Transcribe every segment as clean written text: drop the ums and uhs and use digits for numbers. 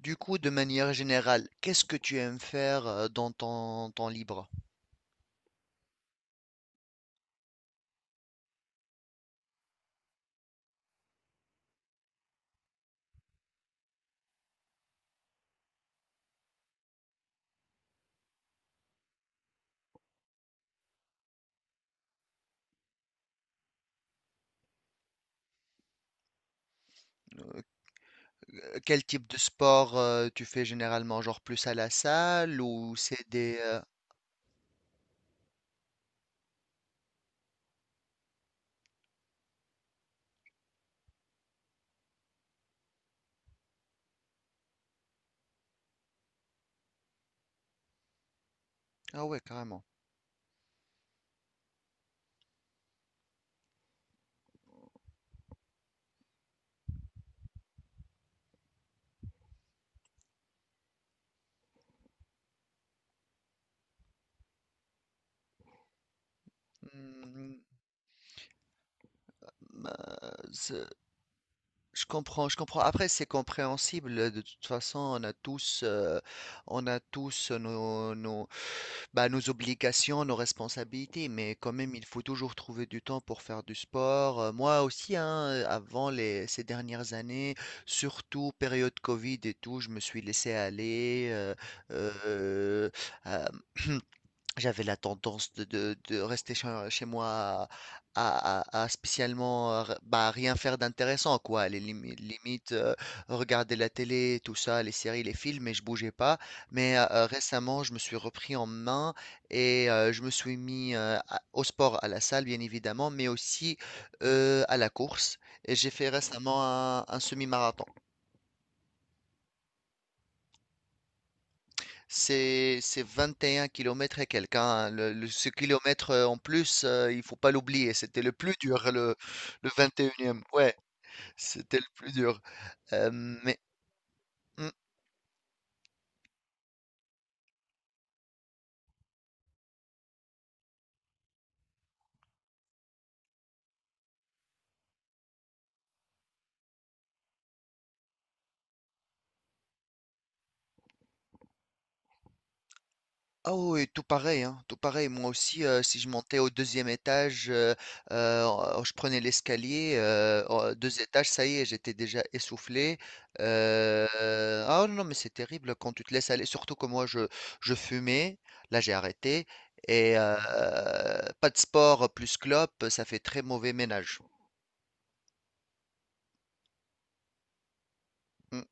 Du coup, de manière générale, qu'est-ce que tu aimes faire dans ton temps libre? Quel type de sport tu fais généralement? Genre plus à la salle ou c'est des... Ah ouais, carrément. Hmm, bah, c'est- je comprends, je comprends. Après, c'est compréhensible. De toute façon, on a tous bah, nos obligations, nos responsabilités, mais quand même, il faut toujours trouver du temps pour faire du sport. Moi aussi, hein, avant ces dernières années, surtout période Covid et tout, je me suis laissé aller. Euh, euh, J'avais la tendance de rester chez moi à spécialement bah, rien faire d'intéressant, quoi. Les limites, regarder la télé, tout ça, les séries, les films, et je bougeais pas. Mais récemment, je me suis repris en main et je me suis mis au sport, à la salle, bien évidemment, mais aussi à la course. Et j'ai fait récemment un semi-marathon. C'est 21 kilomètres et quelques, hein. Ce kilomètre en plus, il faut pas l'oublier. C'était le plus dur, le 21e. Ouais, c'était le plus dur. Euh, mais hmm, Ah oui, oui, tout pareil, hein, tout pareil. Moi aussi, si je montais au deuxième étage, oh, oh, je prenais l'escalier, oh, deux étages, ça y est, j'étais déjà essoufflé. Euh, ah non, mais c'est terrible quand tu te laisses aller, surtout que moi, je fumais, là j'ai arrêté, et pas de sport plus clope, ça fait très mauvais ménage. Mm,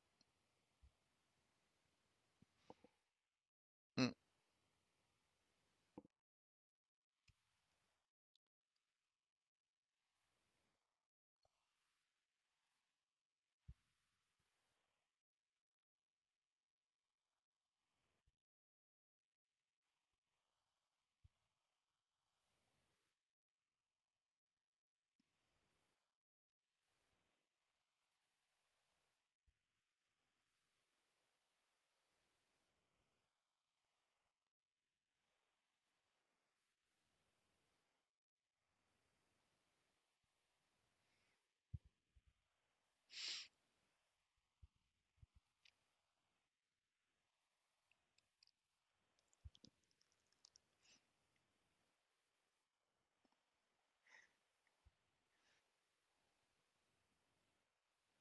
mm.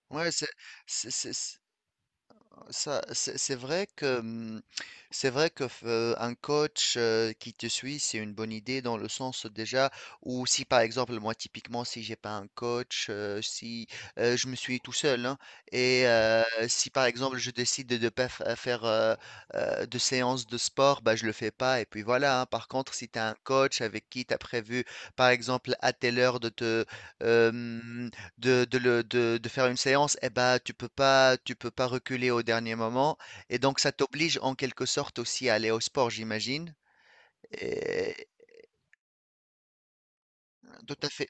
Ouais, c'est, c'est, c'est- Ça, c'est vrai que c'est vrai que un coach qui te suit, c'est une bonne idée, dans le sens déjà où, si par exemple, moi typiquement, si j'ai pas un coach, si je me suis tout seul, hein, et si par exemple je décide de ne pas faire de séance de sport, bah je le fais pas et puis voilà, hein. Par contre, si tu as un coach avec qui tu as prévu par exemple à telle heure de te euh, de faire une séance, eh ben, tu peux pas reculer au dernier moment. Et donc, ça t'oblige en quelque sorte aussi à aller au sport, j'imagine. Et tout à fait.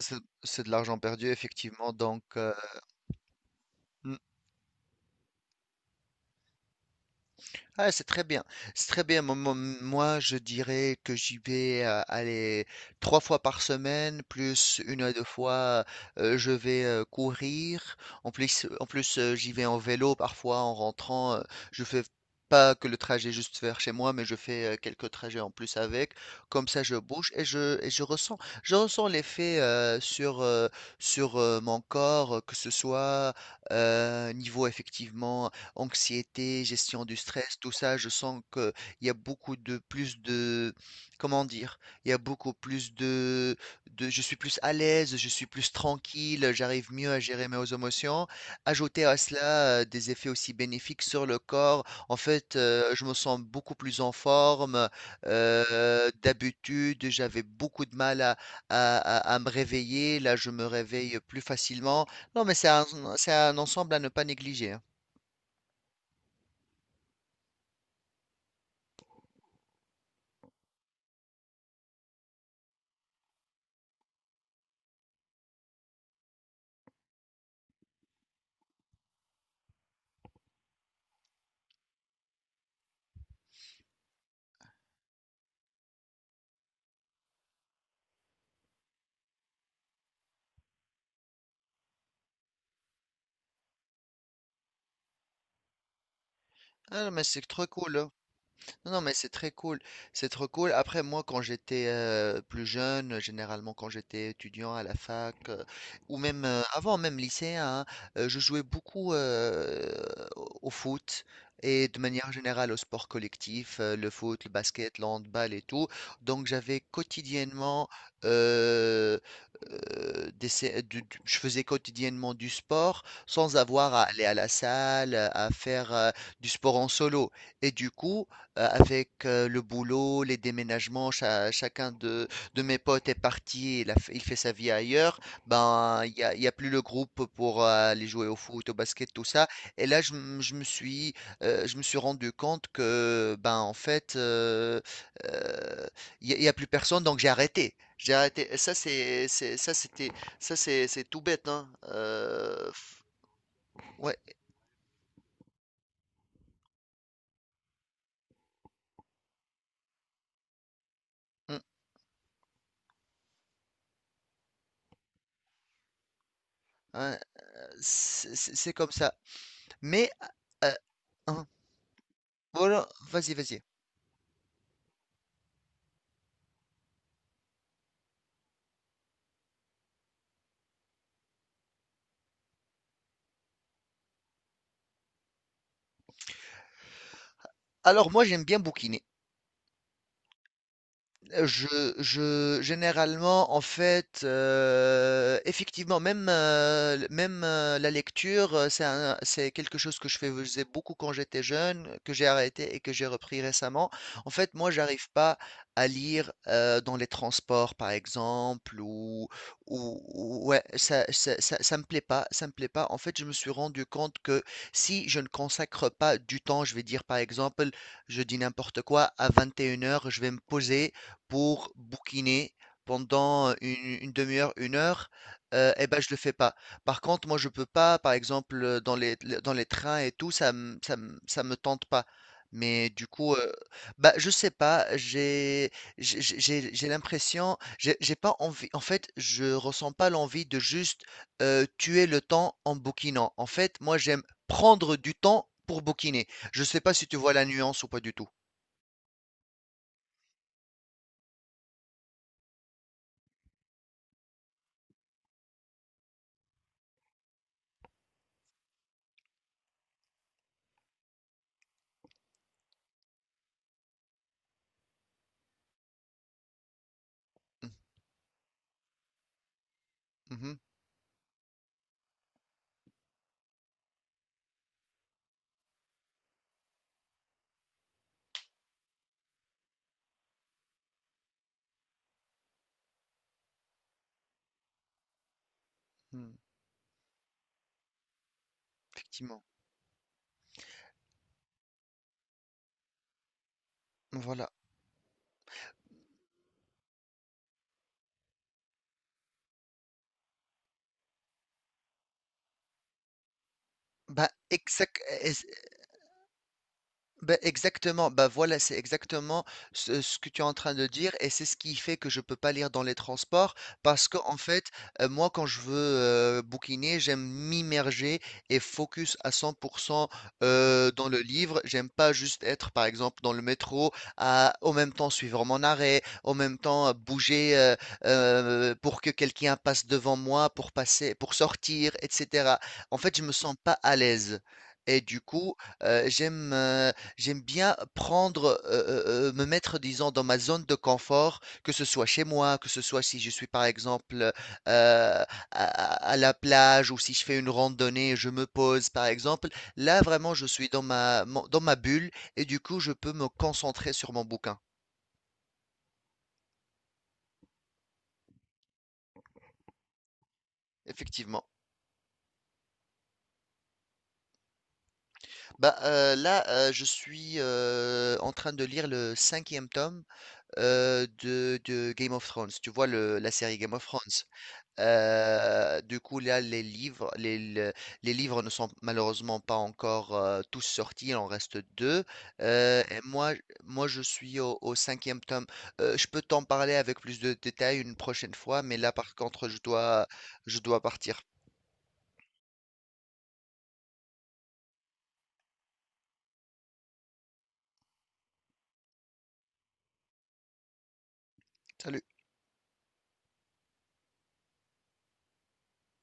C'est c'est de l'argent perdu, effectivement. Donc, mm. Ah, c'est très bien. C'est très bien. Moi, je dirais que j'y vais aller trois fois par semaine, plus une à deux fois, je vais courir. En plus, j'y vais en vélo parfois en rentrant. Je fais pas que le trajet juste vers chez moi, mais je fais quelques trajets en plus avec. Comme ça, je bouge et et je ressens l'effet sur mon corps, que ce soit niveau effectivement anxiété, gestion du stress, tout ça, je sens qu'il y a beaucoup de plus de, comment dire, il y a beaucoup plus de, je suis plus à l'aise, je suis plus tranquille, j'arrive mieux à gérer mes émotions. Ajouter à cela des effets aussi bénéfiques sur le corps, en fait, je me sens beaucoup plus en forme. D'habitude, j'avais beaucoup de mal à me réveiller. Là, je me réveille plus facilement. Non, mais c'est un ensemble à ne pas négliger, hein. Ah, mais c'est trop cool, hein. Non, non, mais c'est très cool. C'est trop cool. Après, moi, quand j'étais plus jeune, généralement quand j'étais étudiant à la fac, ou même avant, même lycéen, hein, je jouais beaucoup au foot et de manière générale au sport collectif, le foot, le basket, le handball et tout. Donc, j'avais quotidiennement, euh, des sé- du- je faisais quotidiennement du sport sans avoir à aller à la salle, à faire du sport en solo. Et du coup, avec le boulot, les déménagements, chacun de mes potes est parti, il fait sa vie ailleurs, ben il y a plus le groupe pour aller jouer au foot, au basket, tout ça. Et là, je me suis rendu compte que ben en fait, euh, il y a plus personne, donc j'ai arrêté. J'ai arrêté. Et ça c'est tout bête, hein. Ouais, mm, hein, c'est c'est comme ça. Mais euh, hein, voilà, vas-y, vas-y. Alors, moi j'aime bien bouquiner. je je généralement, en fait, effectivement, la lecture, c'est quelque chose que je faisais beaucoup quand j'étais jeune, que j'ai arrêté et que j'ai repris récemment. En fait, moi, j'arrive pas à lire, dans les transports, par exemple, ou ouais, ça me plaît pas, ça me plaît pas. En fait, je me suis rendu compte que, si je ne consacre pas du temps, je vais dire, par exemple, je dis n'importe quoi, à 21 heures je vais me poser pour bouquiner pendant une demi-heure, une heure, eh ben je le fais pas. Par contre, moi je peux pas, par exemple, dans dans les trains et tout, ça me tente pas. Mais du coup, bah je sais pas, j'ai l'impression, j'ai pas envie. En fait, je ressens pas l'envie de juste tuer le temps en bouquinant. En fait, moi j'aime prendre du temps pour bouquiner. Je sais pas si tu vois la nuance ou pas du tout. Mhm. Mhm. Hmm, effectivement. Voilà. Bah, exact. Ben exactement, bah voilà, c'est exactement ce que tu es en train de dire, et c'est ce qui fait que je peux pas lire dans les transports parce que, en fait, moi quand je veux bouquiner, j'aime m'immerger et focus à 100% dans le livre. J'aime pas juste être, par exemple, dans le métro à, au même temps, suivre mon arrêt, au même temps bouger pour que quelqu'un passe devant moi pour passer, pour sortir, etc. En fait, je me sens pas à l'aise. Et du coup, euh, j'aime euh, j'aime bien prendre, me mettre, disons, dans ma zone de confort, que ce soit chez moi, que ce soit si je suis, par exemple, à la plage, ou si je fais une randonnée, je me pose, par exemple. Là, vraiment, je suis dans ma mon dans ma bulle, et du coup, je peux me concentrer sur mon bouquin, effectivement. Bah, là, je suis, en train de lire le cinquième tome, de Game of Thrones. Tu vois le la série Game of Thrones? Du coup, là, les livres ne sont malheureusement pas encore, tous sortis, il en reste 2. Et moi, moi, je suis au cinquième tome. Je peux t'en parler avec plus de détails une prochaine fois, mais là, par contre, je dois partir. Salut.